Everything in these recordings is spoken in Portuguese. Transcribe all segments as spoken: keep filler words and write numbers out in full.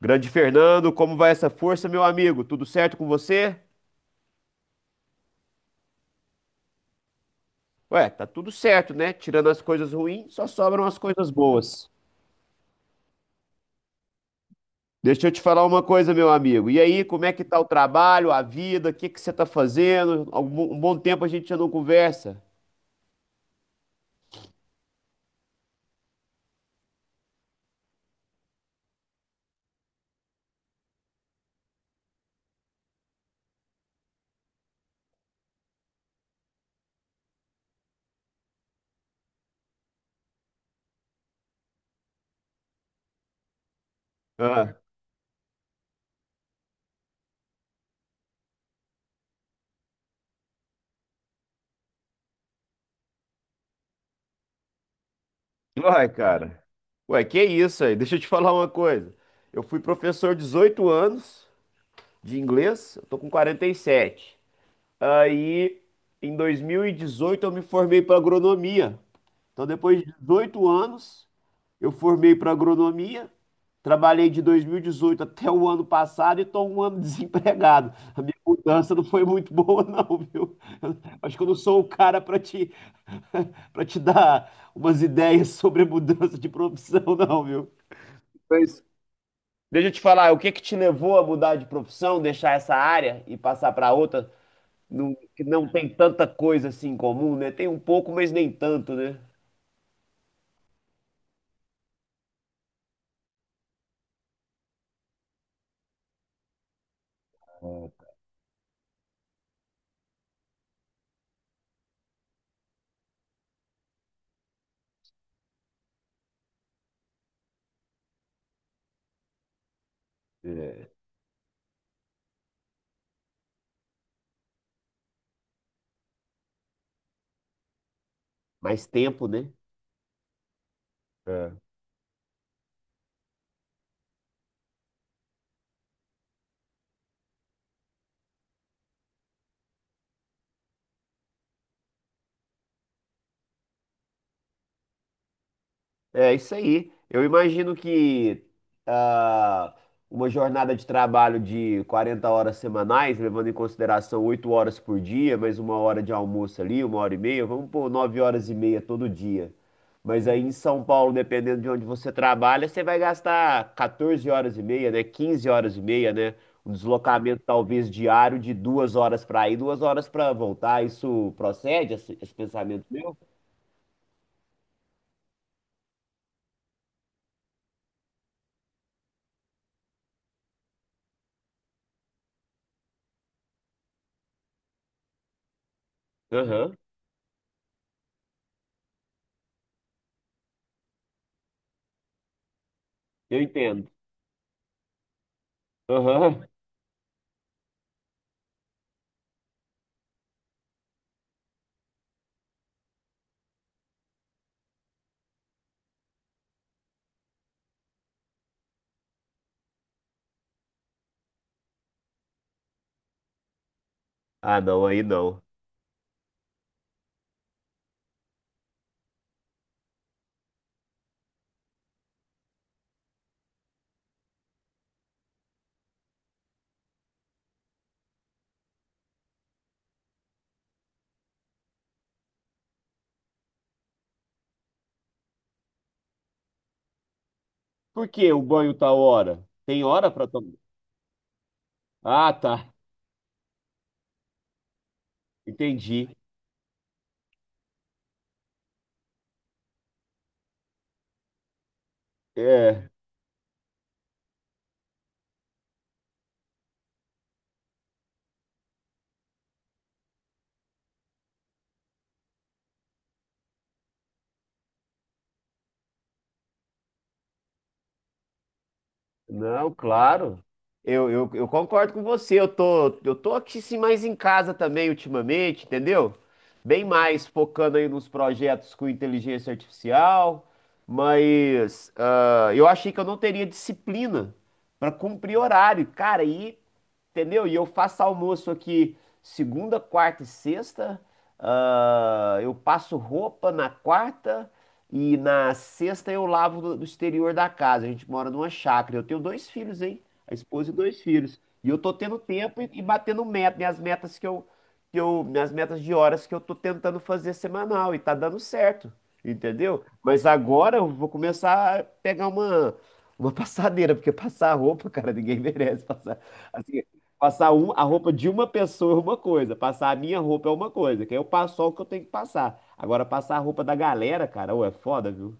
Grande Fernando, como vai essa força, meu amigo? Tudo certo com você? Ué, tá tudo certo, né? Tirando as coisas ruins, só sobram as coisas boas. Deixa eu te falar uma coisa, meu amigo. E aí, como é que tá o trabalho, a vida? O que que você tá fazendo? Algum- Um bom um bom tempo a gente já não conversa. Ah, uai, cara. Ué, que isso aí? Deixa eu te falar uma coisa. Eu fui professor dezoito anos de inglês, eu tô com quarenta e sete. Aí, em dois mil e dezoito, eu me formei para agronomia. Então, depois de dezoito anos, eu formei para agronomia, trabalhei de dois mil e dezoito até o ano passado e estou um ano desempregado. A minha mudança não foi muito boa, não, viu? Eu Acho que eu não sou o cara para te, para te dar umas ideias sobre a mudança de profissão, não, viu? Deixa eu te falar, o que que te levou a mudar de profissão, deixar essa área e passar para outra, não- que não tem tanta coisa assim em comum, né? Tem um pouco, mas nem tanto, né? É, Mais tempo, né? É, é isso aí. Eu imagino que ah, uma jornada de trabalho de quarenta horas semanais, levando em consideração oito horas por dia, mais uma hora de almoço ali, uma hora e meia, vamos por nove horas e meia todo dia. Mas aí em São Paulo, dependendo de onde você trabalha, você vai gastar quatorze horas e meia, né? Quinze horas e meia, né? Um deslocamento talvez diário de duas horas para ir, duas horas para voltar. Isso procede, esse, esse pensamento meu? Aham. Eu entendo. Aham. Ah, não, aí não. Por que o banho tá hora? Tem hora pra tomar? Ah, tá. Entendi. É. Não, claro. Eu, eu, eu concordo com você. Eu tô, eu tô aqui sim mais em casa também ultimamente, entendeu? Bem mais focando aí nos projetos com inteligência artificial, mas ah, eu achei que eu não teria disciplina para cumprir horário, cara. E entendeu? E eu faço almoço aqui segunda, quarta e sexta. ah, eu passo roupa na quarta. E na sexta eu lavo do do exterior da casa. A gente mora numa chácara. Eu tenho dois filhos, hein? A esposa e dois filhos. E eu tô tendo tempo e, e batendo meta, minhas metas que eu, que eu, minhas metas de horas que eu tô tentando fazer semanal e tá dando certo, entendeu? Mas agora eu vou começar a pegar uma uma passadeira, porque passar roupa, cara, ninguém merece passar. Assim, passar um- a roupa de uma pessoa é uma coisa, passar a minha roupa é uma coisa, que aí eu passo só o que eu tenho que passar. Agora, passar a roupa da galera, cara, ou é foda, viu?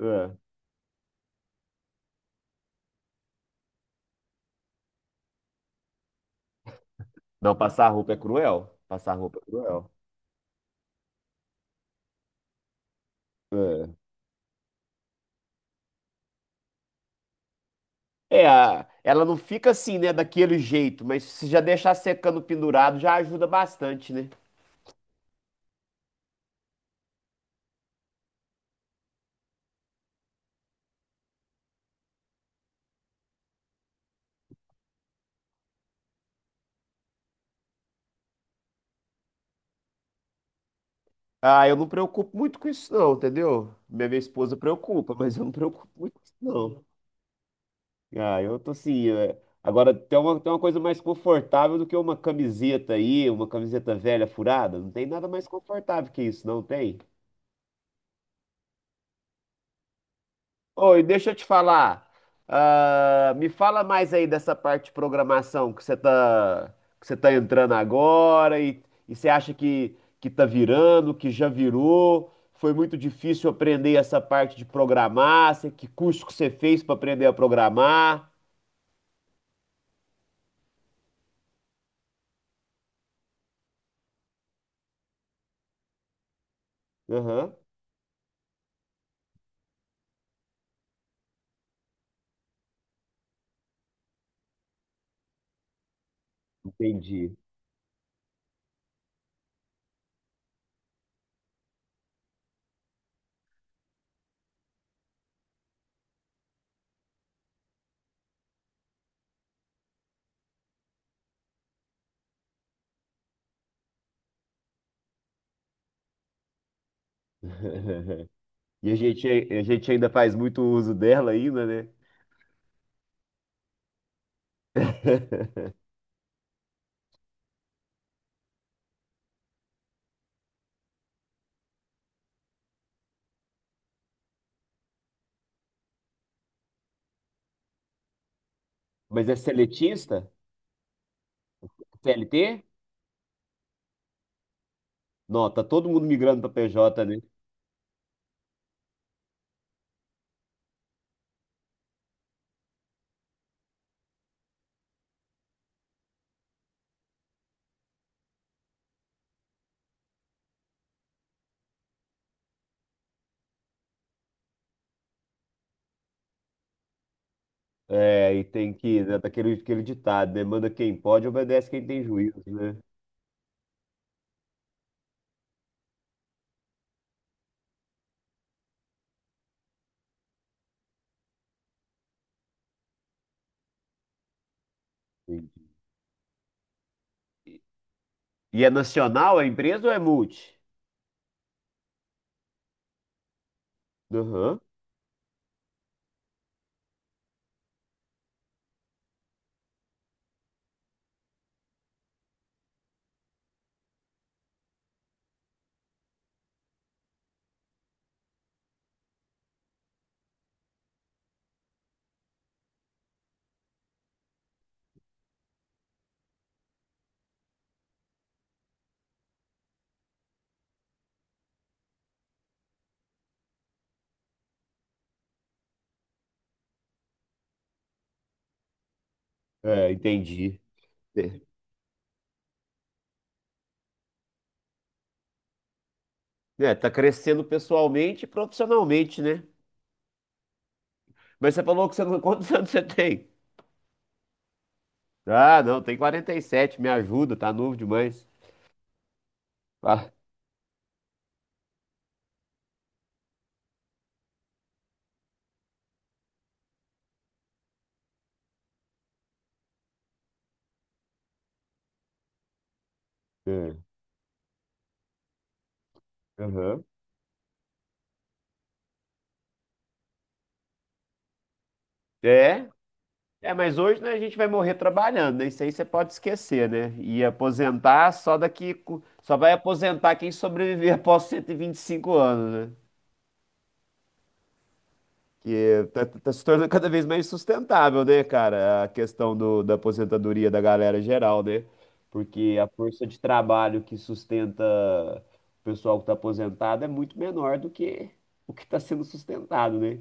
É. Não, passar a roupa é cruel. Passar a roupa é cruel. É, é, a- ela não fica assim, né, daquele jeito, mas se já deixar secando pendurado já ajuda bastante, né? Ah, eu não preocupo muito com isso, não, entendeu? Minha minha esposa preocupa, mas eu não preocupo muito com isso, não. Ah, eu tô assim. é, Agora, tem uma, tem uma coisa mais confortável do que uma camiseta aí, uma camiseta velha furada. Não tem nada mais confortável que isso, não tem? Oi, deixa eu te falar. Ah, me fala mais aí dessa parte de programação que você tá, que você tá entrando agora e, e você acha que, que tá virando, que já virou. Foi muito difícil aprender essa parte de programar. Você- Que curso que você fez para aprender a programar? Aham, entendi. E a gente, a gente ainda faz muito uso dela ainda, né? Mas é seletista? C L T? Não, tá todo mundo migrando para P J, né? É, e tem que, né, daquele, aquele ditado, né? Manda quem pode, obedece quem tem juízo, né? Entendi. E é nacional a empresa ou é multi? Aham. É, entendi. É, é, tá crescendo pessoalmente e profissionalmente, né? Mas você falou que você não... Quantos anos você tem? Ah, não, tem quarenta e sete, me ajuda, tá novo demais. Ah, é. Aham. É? É, mas hoje, né, a gente vai morrer trabalhando, né? Isso aí você pode esquecer, né? E aposentar só daqui. co- Só vai aposentar quem sobreviver após cento e e vinte e cinco anos, né? Que tá, tá- tá se tornando cada vez mais sustentável, né, cara? A questão do- da aposentadoria da galera geral, né? Porque a força de trabalho que sustenta o pessoal que tá aposentado é muito menor do que o que está sendo sustentado, né?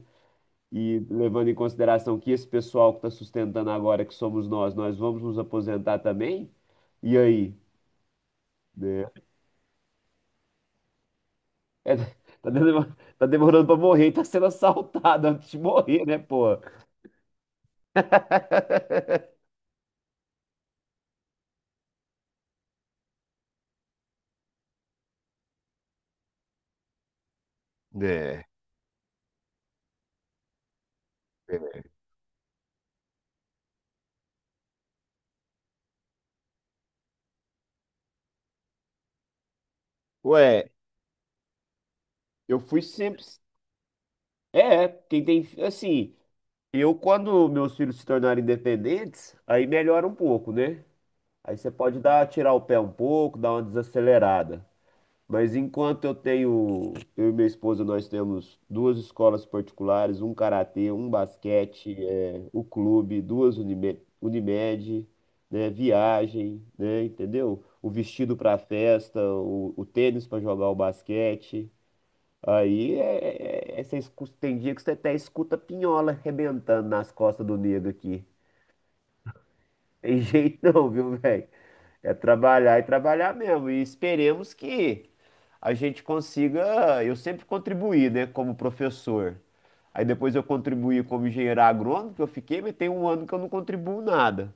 E levando em consideração que esse pessoal que está sustentando agora, que somos nós, nós vamos nos aposentar também? E aí? Né? É, tá demorando, tá demorando para morrer e tá sendo assaltado antes de morrer, né, pô? É. Ué, eu fui sempre. É, quem tem. Assim, eu, quando meus filhos se tornarem independentes, aí melhora um pouco, né? Aí você pode dar, tirar o pé um pouco, dar uma desacelerada. Mas enquanto eu tenho, eu e minha esposa, nós temos duas escolas particulares, um karatê, um basquete, é, o clube, duas Unime- Unimed, né, viagem, né, entendeu? O vestido para festa, o, o tênis para jogar o basquete. Aí é, é- é- você escu- tem dia que você até escuta pinhola arrebentando nas costas do negro aqui. Tem jeito não, viu, velho? É trabalhar e trabalhar mesmo. E esperemos que a gente consiga. Eu sempre contribuí, né, como professor. Aí depois eu contribuí como engenheiro agrônomo, que eu fiquei, mas tem um ano que eu não contribuo nada.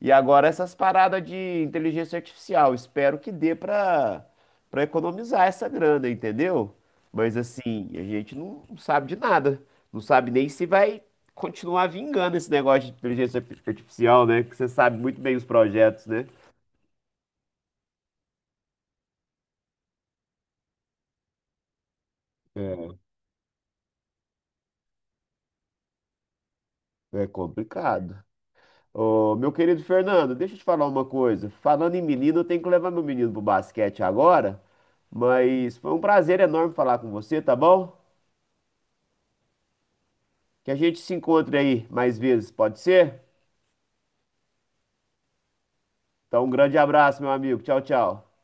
E agora essas paradas de inteligência artificial. Espero que dê para para economizar essa grana, entendeu? Mas assim, a gente não não sabe de nada. Não sabe nem se vai continuar vingando esse negócio de inteligência artificial, né? Que você sabe muito bem os projetos, né? É complicado. Ô, meu querido Fernando, deixa eu te falar uma coisa. Falando em menino, eu tenho que levar meu menino pro basquete agora, mas foi um prazer enorme falar com você, tá bom? Que a gente se encontre aí mais vezes, pode ser? Então, um grande abraço, meu amigo. Tchau, tchau.